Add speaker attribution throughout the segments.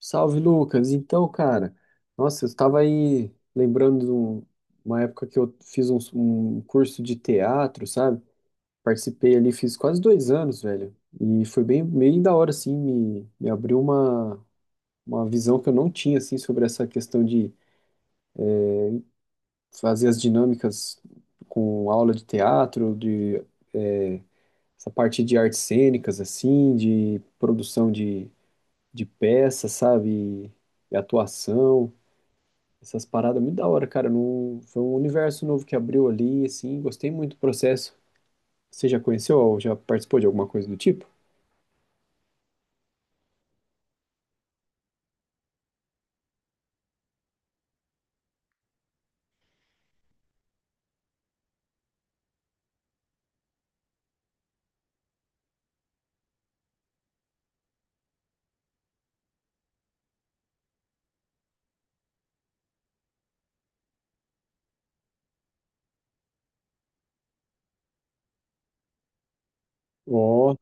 Speaker 1: Salve, Lucas. Nossa, eu estava aí lembrando de uma época que eu fiz um curso de teatro, sabe? Participei ali, fiz quase dois anos, velho. E foi bem da hora, assim, me abriu uma uma visão que eu não tinha, assim, sobre essa questão de fazer as dinâmicas com aula de teatro, de eh, essa parte de artes cênicas, assim, de produção de peças, sabe? E atuação. Essas paradas muito da hora, cara. Não... Foi um universo novo que abriu ali, assim. Gostei muito do processo. Você já conheceu ou já participou de alguma coisa do tipo? Ó,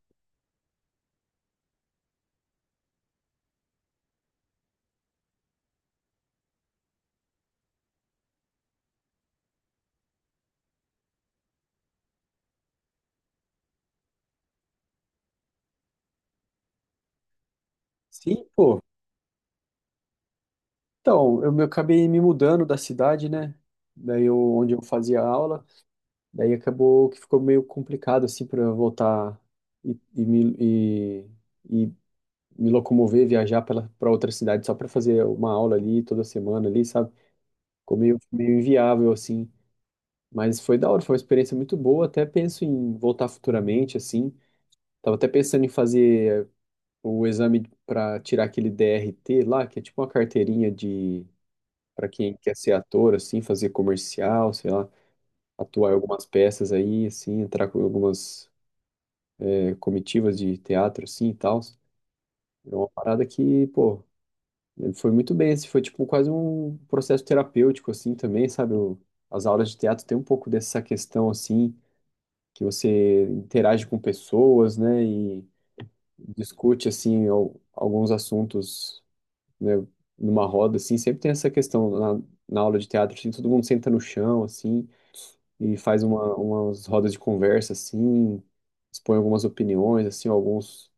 Speaker 1: sim, pô. Então, acabei me mudando da cidade, né? Daí eu, onde eu fazia aula, daí acabou que ficou meio complicado, assim, para eu voltar e e me locomover, viajar pela para outra cidade só para fazer uma aula ali toda semana ali, sabe? Ficou meio inviável, assim. Mas foi da hora, foi uma experiência muito boa. Até penso em voltar futuramente, assim. Tava até pensando em fazer o exame para tirar aquele DRT lá, que é tipo uma carteirinha de para quem quer ser ator, assim, fazer comercial, sei lá, atuar em algumas peças aí, assim, entrar com algumas comitivas de teatro, assim, e tal. É uma parada que, pô, foi muito bem, assim, foi tipo quase um processo terapêutico, assim, também, sabe? As aulas de teatro tem um pouco dessa questão, assim, que você interage com pessoas, né, e discute assim alguns assuntos, né, numa roda assim, sempre tem essa questão na, na aula de teatro, assim, todo mundo senta no chão assim e faz umas rodas de conversa assim, expõe algumas opiniões assim, alguns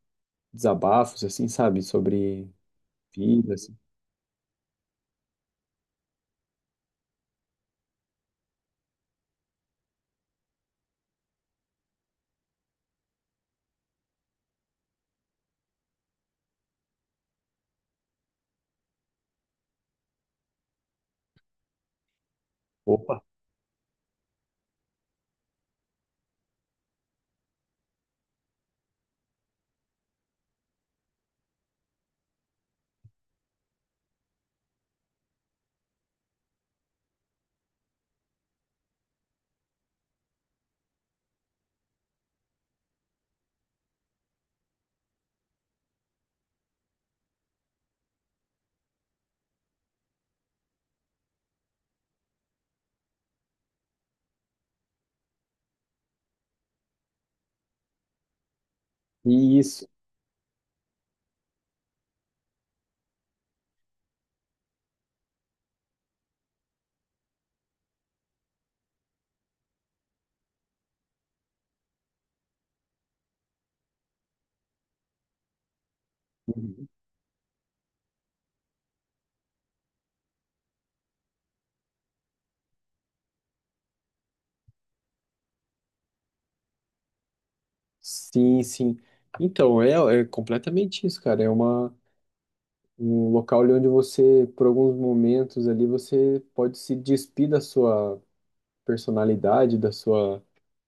Speaker 1: desabafos assim, sabe, sobre vida assim. Opa, isso. Uhum. Sim, sim. Então, é completamente isso, cara. É uma um local ali onde você, por alguns momentos ali, você pode se despir da sua personalidade, da sua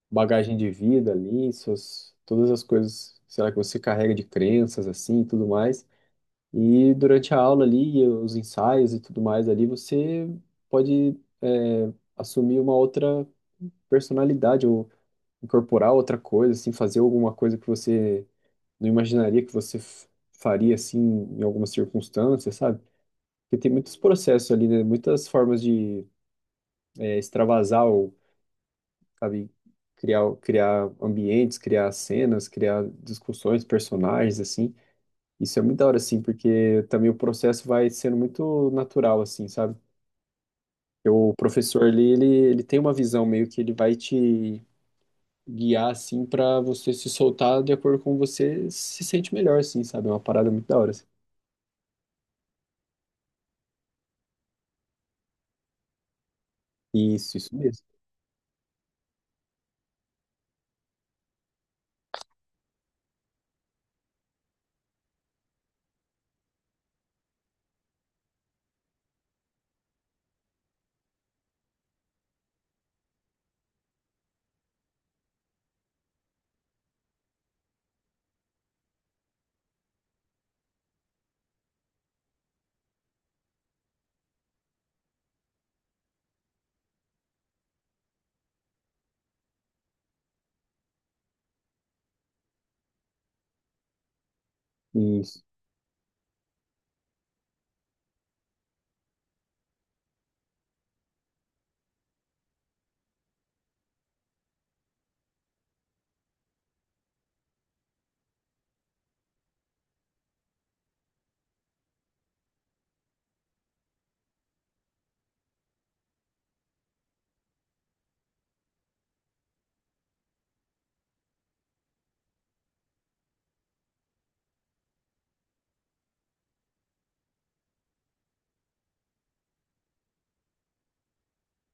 Speaker 1: bagagem de vida ali, suas, todas as coisas, sei lá, que você carrega de crenças assim e tudo mais. E durante a aula ali, e os ensaios e tudo mais ali, você pode é, assumir uma outra personalidade ou incorporar outra coisa, assim, fazer alguma coisa que você não imaginaria que faria assim em algumas circunstâncias, sabe? Porque tem muitos processos ali, né? Muitas formas de extravasar ou, sabe, criar, criar ambientes, criar cenas, criar discussões, personagens, assim. Isso é muito da hora, assim, porque também o processo vai sendo muito natural, assim, sabe? Porque o professor ali, ele tem uma visão meio que ele vai te guiar, assim, para você se soltar de acordo com você se sente melhor, assim, sabe? É uma parada muito da hora, assim. Isso mesmo. Isso.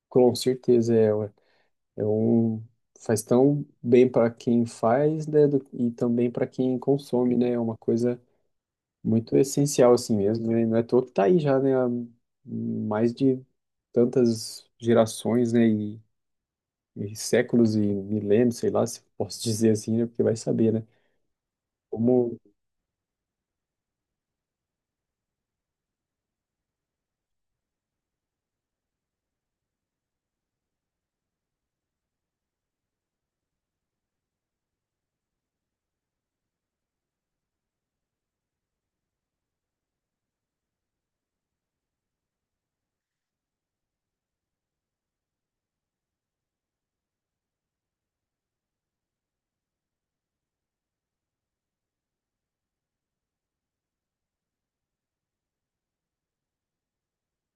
Speaker 1: Com certeza é, ué. É um faz tão bem para quem faz, né, e também para quem consome, né? É uma coisa muito essencial assim mesmo, né? Não é à toa que tá aí já, né? Há mais de tantas gerações, né? E séculos e milênios, sei lá, se posso dizer assim, né? Porque vai saber, né? Como,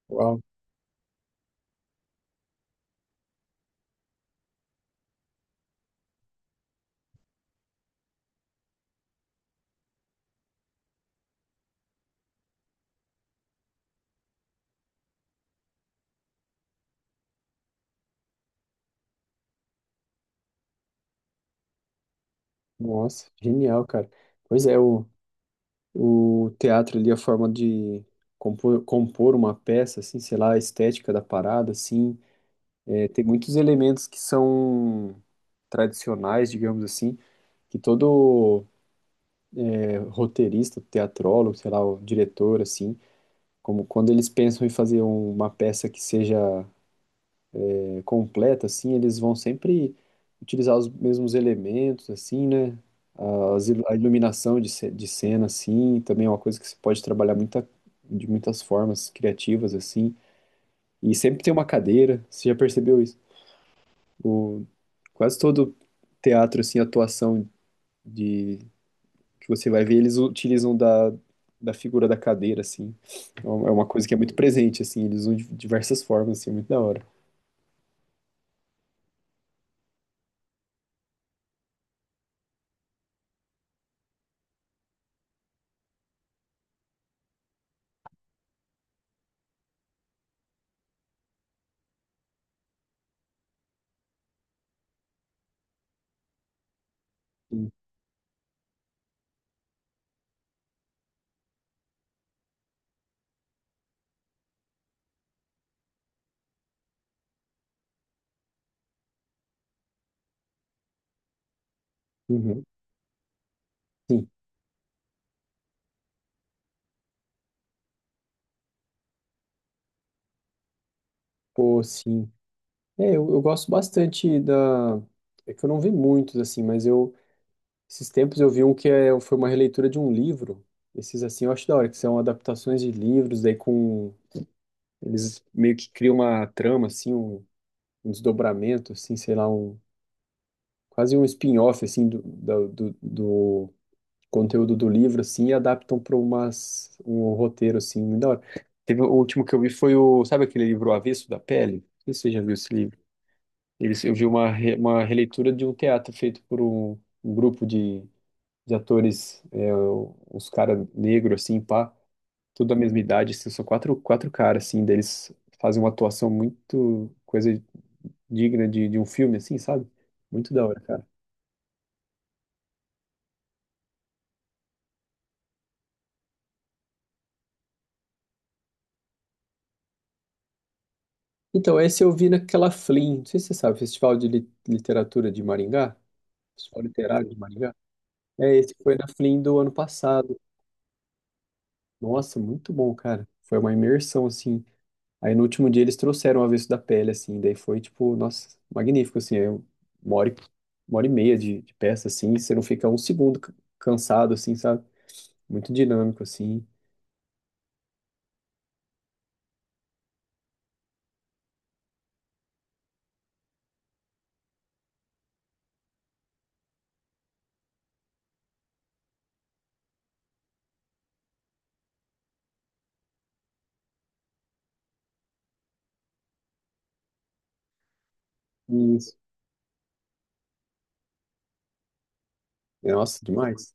Speaker 1: uau, nossa, genial, cara. Pois é, o teatro ali, a forma de compor, compor uma peça, assim, sei lá, a estética da parada, assim. É, tem muitos elementos que são tradicionais, digamos assim, que todo roteirista, teatrólogo, sei lá, o diretor, assim, como quando eles pensam em fazer uma peça que seja completa, assim, eles vão sempre utilizar os mesmos elementos, assim, né? As a iluminação de, de cena, assim, também é uma coisa que se pode trabalhar muita, de muitas formas criativas, assim. E sempre tem uma cadeira, você já percebeu isso? O, quase todo teatro, assim, atuação de que você vai ver, eles utilizam da, da figura da cadeira, assim. É uma coisa que é muito presente, assim, eles usam de diversas formas, assim, é muito da hora. Sim. Uhum. Sim. Pô, sim. É, eu gosto bastante da. É que eu não vi muitos, assim, mas eu. Esses tempos eu vi um que é, foi uma releitura de um livro. Esses, assim, eu acho da hora, que são adaptações de livros, daí com. Eles meio que criam uma trama, assim, um desdobramento, assim, sei lá, um, quase um spin-off, assim, do do conteúdo do livro, assim, e adaptam para umas, um roteiro, assim, muito da hora. Teve, o último que eu vi foi o, sabe aquele livro O Avesso da Pele? Não sei se você já viu esse livro. Eles, eu vi uma releitura de um teatro feito por um, um grupo de atores, é, uns caras negros, assim, pá, tudo da mesma idade, assim, são quatro caras, assim, deles fazem uma atuação muito coisa digna de um filme, assim, sabe? Muito da hora, cara. Então, esse eu vi naquela Flim, não sei se você sabe, Festival de Literatura de Maringá, Festival Literário de Maringá. É, esse foi na Flim do ano passado. Nossa, muito bom, cara. Foi uma imersão, assim. Aí no último dia eles trouxeram O Avesso da Pele, assim, daí foi, tipo, nossa, magnífico, assim, é uma hora, uma hora e meia de peça, assim, você não fica um segundo cansado, assim, sabe? Muito dinâmico, assim. Isso. Nossa, demais.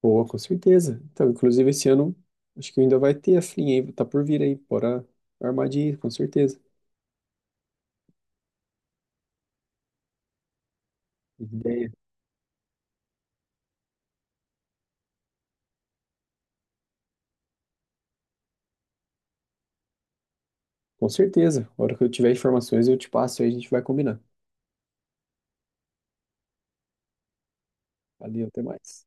Speaker 1: Pô, com certeza. Então, inclusive esse ano, acho que ainda vai ter a Flim aí, tá por vir aí, bora armar de ir, com certeza. Ideia. Com certeza. A hora que eu tiver informações, eu te passo aí, a gente vai combinar. Valeu, até mais.